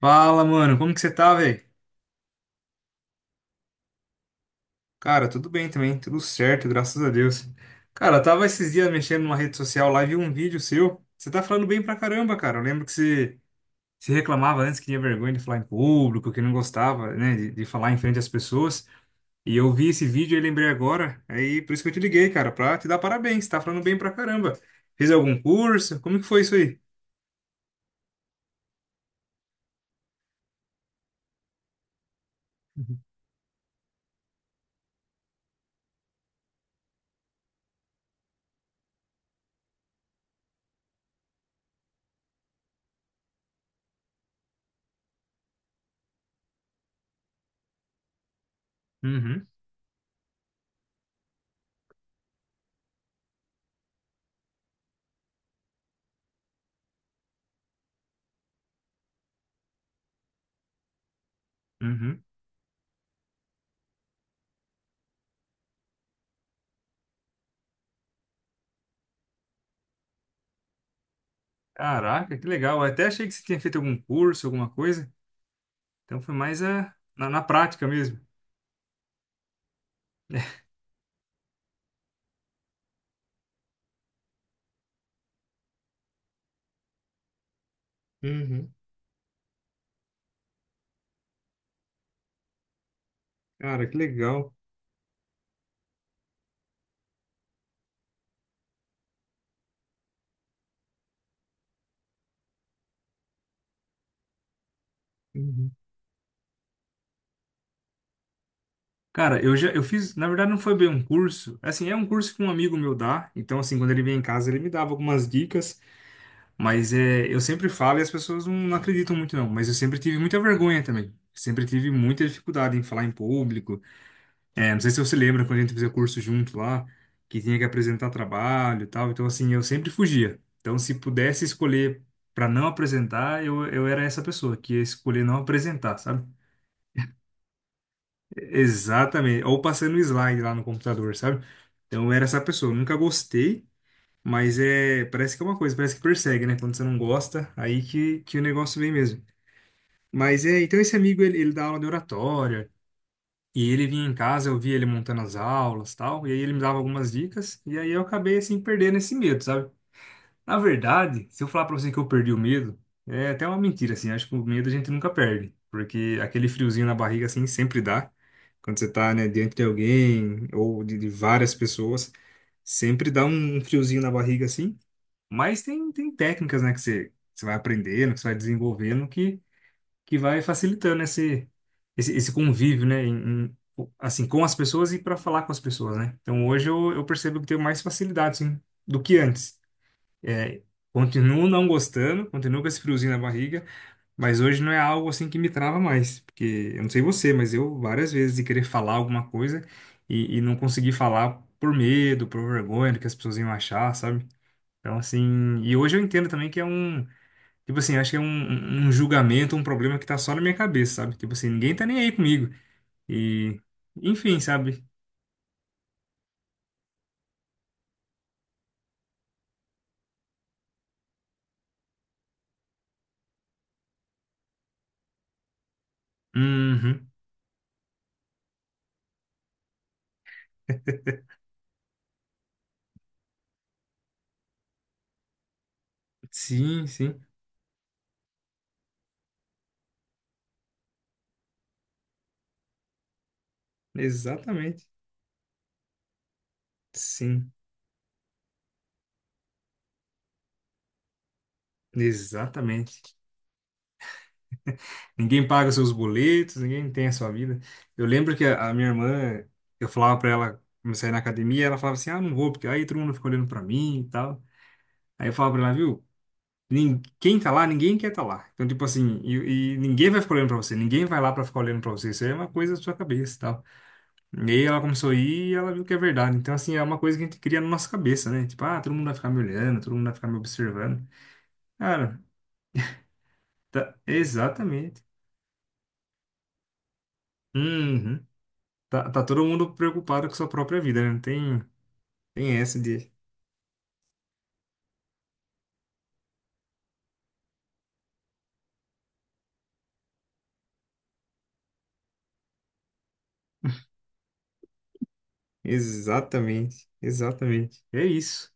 Fala, mano, como que você tá, velho? Cara, tudo bem também, tudo certo, graças a Deus. Cara, eu tava esses dias mexendo numa rede social lá e vi um vídeo seu. Você tá falando bem pra caramba, cara. Eu lembro que você se reclamava antes que tinha vergonha de falar em público, que não gostava, né, de falar em frente às pessoas. E eu vi esse vídeo e lembrei agora, aí por isso que eu te liguei, cara, pra te dar parabéns. Você tá falando bem pra caramba. Fez algum curso? Como que foi isso aí? Uhum, uhum. Caraca, que legal. Eu até achei que você tinha feito algum curso, alguma coisa. Então foi mais é, na prática mesmo. Uhum. Cara, que legal. Uhum. Cara, eu fiz, na verdade não foi bem um curso. Assim, é um curso que um amigo meu dá, então assim, quando ele vem em casa, ele me dava algumas dicas, mas é, eu sempre falo e as pessoas não acreditam muito não, mas eu sempre tive muita vergonha também. Sempre tive muita dificuldade em falar em público. É, não sei se você lembra quando a gente fazia curso junto lá, que tinha que apresentar trabalho e tal. Então, assim, eu sempre fugia. Então, se pudesse escolher para não apresentar, eu era essa pessoa que ia escolher não apresentar, sabe? Exatamente. Ou passando o slide lá no computador, sabe? Então, eu era essa pessoa. Eu nunca gostei, mas é, parece que é uma coisa, parece que persegue, né? Quando você não gosta, aí que o negócio vem mesmo. Mas é, então esse amigo, ele dá aula de oratória. E ele vinha em casa, eu via ele montando as aulas, tal, e aí ele me dava algumas dicas, e aí eu acabei assim perdendo esse medo, sabe? Na verdade, se eu falar pra você que eu perdi o medo, é até uma mentira assim, acho que o medo a gente nunca perde, porque aquele friozinho na barriga assim sempre dá. Quando você tá, né, diante de alguém ou de várias pessoas, sempre dá um friozinho na barriga assim, mas tem técnicas, né, que você vai aprendendo, que você vai desenvolvendo que vai facilitando esse, esse convívio, né? Assim, com as pessoas e para falar com as pessoas, né? Então hoje eu percebo que tenho mais facilidade, sim, do que antes. É, continuo não gostando, continuo com esse friozinho na barriga, mas hoje não é algo assim que me trava mais, porque eu não sei você, mas eu várias vezes de querer falar alguma coisa e não conseguir falar por medo, por vergonha do que as pessoas iam achar, sabe? Então, assim, e hoje eu entendo também que é um... Tipo assim, eu acho que é um, um julgamento, um problema que tá só na minha cabeça, sabe? Tipo assim, ninguém tá nem aí comigo. E, enfim, sabe? Uhum. Sim, sim. Exatamente. Sim, exatamente. Ninguém paga seus boletos, ninguém tem a sua vida. Eu lembro que a minha irmã, eu falava pra ela, comecei a ir na academia, ela falava assim: ah, não vou, porque aí todo mundo fica olhando pra mim e tal. Aí eu falava pra ela, viu? Quem tá lá, ninguém quer tá lá. Então, tipo assim, e ninguém vai ficar olhando pra você, ninguém vai lá pra ficar olhando pra você. Isso aí é uma coisa da sua cabeça e tal. E aí ela começou a ir e ela viu que é verdade. Então, assim, é uma coisa que a gente cria na nossa cabeça, né? Tipo, ah, todo mundo vai ficar me olhando, todo mundo vai ficar me observando. Cara, tá, exatamente. Uhum. Tá, todo mundo preocupado com sua própria vida, né? Não tem, tem essa de. Exatamente, exatamente. É isso.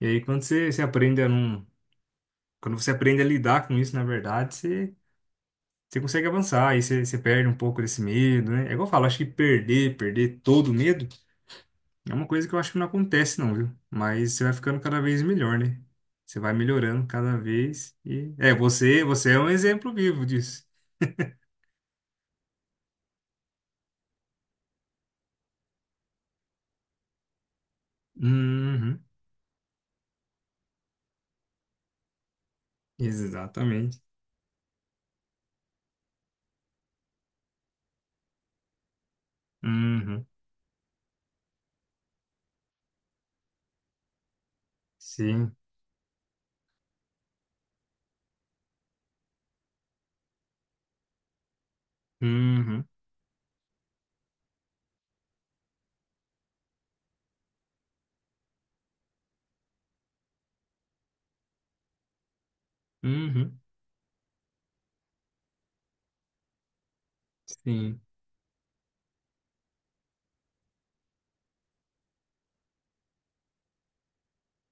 E aí, quando você aprende a não. Quando você aprende a lidar com isso, na verdade, você. Você consegue avançar, e você perde um pouco desse medo, né? É igual eu falo, acho que perder todo o medo é uma coisa que eu acho que não acontece, não, viu? Mas você vai ficando cada vez melhor, né? Você vai melhorando cada vez e... É, você é um exemplo vivo disso. Uhum, exatamente. Uhum, sim. Uhum, uhum, sim.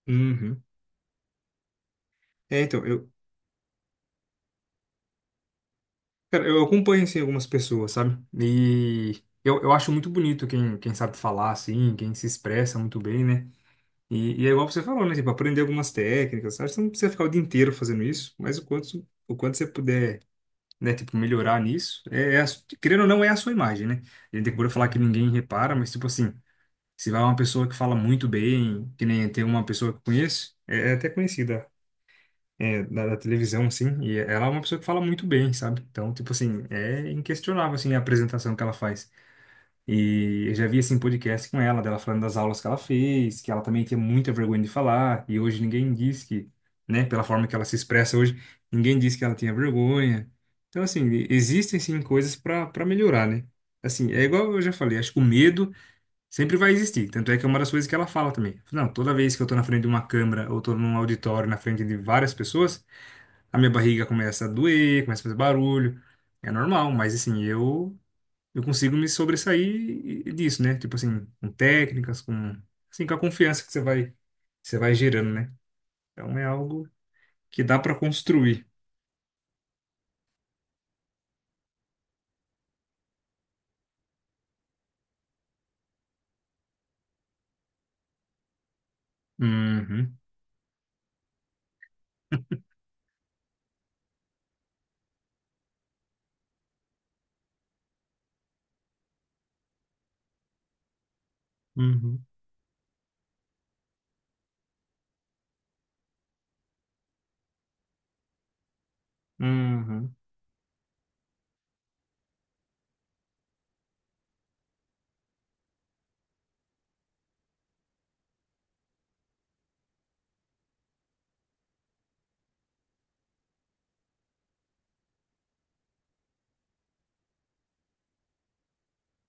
Uhum. É, então, eu, cara, eu acompanho, assim, algumas pessoas, sabe? E eu acho muito bonito quem, sabe falar, assim, quem se expressa muito bem, né? E é igual você falou, né? Tipo, aprender algumas técnicas. Sabe que você não precisa ficar o dia inteiro fazendo isso, mas o quanto você puder, né? Tipo, melhorar nisso, é, é a, querendo ou não, é a sua imagem, né? A gente procura falar que ninguém repara, mas, tipo assim, se vai uma pessoa que fala muito bem, que nem tem uma pessoa que eu conheço, é, é até conhecida, é, da televisão, assim, e ela é uma pessoa que fala muito bem, sabe? Então, tipo assim, é inquestionável, assim, a apresentação que ela faz. E eu já vi assim podcast com ela, dela falando das aulas que ela fez, que ela também tinha muita vergonha de falar, e hoje ninguém diz que, né, pela forma que ela se expressa hoje, ninguém diz que ela tinha vergonha. Então, assim, existem sim coisas para melhorar, né? Assim, é igual eu já falei, acho que o medo sempre vai existir. Tanto é que é uma das coisas que ela fala também. Não, toda vez que eu tô na frente de uma câmera ou tô num auditório na frente de várias pessoas, a minha barriga começa a doer, começa a fazer barulho. É normal, mas assim, eu consigo me sobressair disso, né? Tipo assim, com técnicas, com, assim, com a confiança que você vai gerando, né? Então é algo que dá para construir. Uhum, uhum, uhum,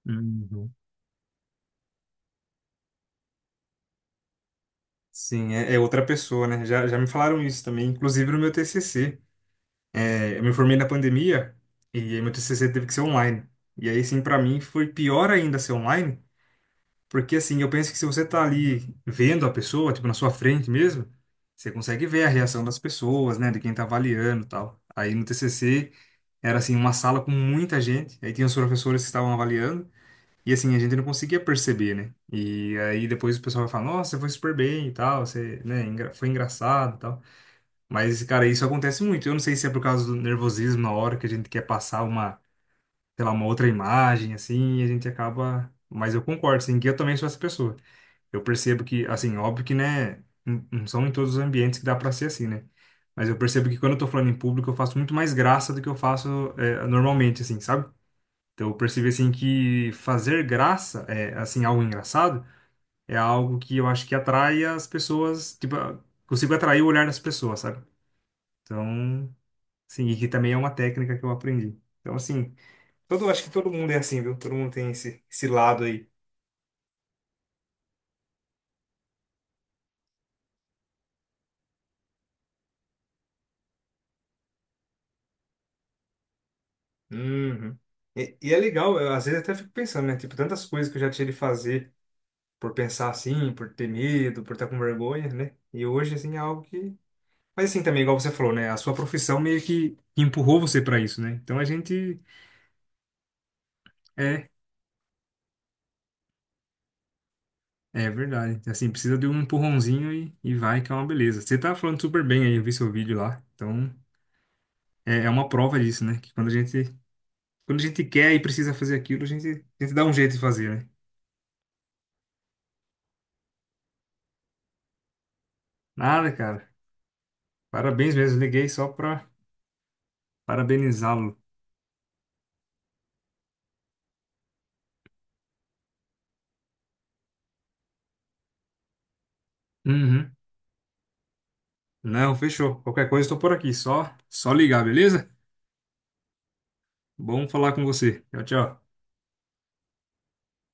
uhum. Sim, é, é outra pessoa, né? Já me falaram isso também, inclusive no meu TCC. É, eu me formei na pandemia e aí meu TCC teve que ser online. E aí, sim, para mim foi pior ainda ser online, porque assim, eu penso que se você tá ali vendo a pessoa, tipo, na sua frente mesmo, você consegue ver a reação das pessoas, né, de quem tá avaliando e tal. Aí no TCC era assim, uma sala com muita gente, aí tinha os professores que estavam avaliando, e assim, a gente não conseguia perceber, né? E aí depois o pessoal vai falar, nossa, você foi super bem e tal, você, né, foi engraçado e tal. Mas, cara, isso acontece muito. Eu não sei se é por causa do nervosismo na hora que a gente quer passar uma, sei lá, uma outra imagem, assim, e a gente acaba... Mas eu concordo, assim, que eu também sou essa pessoa. Eu percebo que, assim, óbvio que, né, não são em todos os ambientes que dá para ser assim, né? Mas eu percebo que quando eu tô falando em público, eu faço muito mais graça do que eu faço é, normalmente, assim, sabe? Então eu percebi, assim, que fazer graça, é, assim, algo engraçado, é algo que eu acho que atrai as pessoas, tipo, ah, consigo atrair o olhar das pessoas, sabe? Então, sim, e que também é uma técnica que eu aprendi. Então, assim, todo, acho que todo mundo é assim, viu? Todo mundo tem esse, lado aí. Uhum. E é legal, eu, às vezes até fico pensando, né? Tipo, tantas coisas que eu já tive de fazer por pensar assim, por ter medo, por estar com vergonha, né? E hoje, assim, é algo que... Mas assim também, igual você falou, né? A sua profissão meio que empurrou você pra isso, né? Então a gente... É, é verdade. Assim, precisa de um empurrãozinho e vai, que é uma beleza. Você tá falando super bem aí, eu vi seu vídeo lá. Então, é, é uma prova disso, né? Que quando a gente quer e precisa fazer aquilo, a gente dá um jeito de fazer, né? Nada, cara. Parabéns mesmo, liguei só pra. Parabenizá-lo. Uhum. Não, fechou. Qualquer coisa, estou por aqui. Só ligar, beleza? Bom falar com você. Tchau, tchau.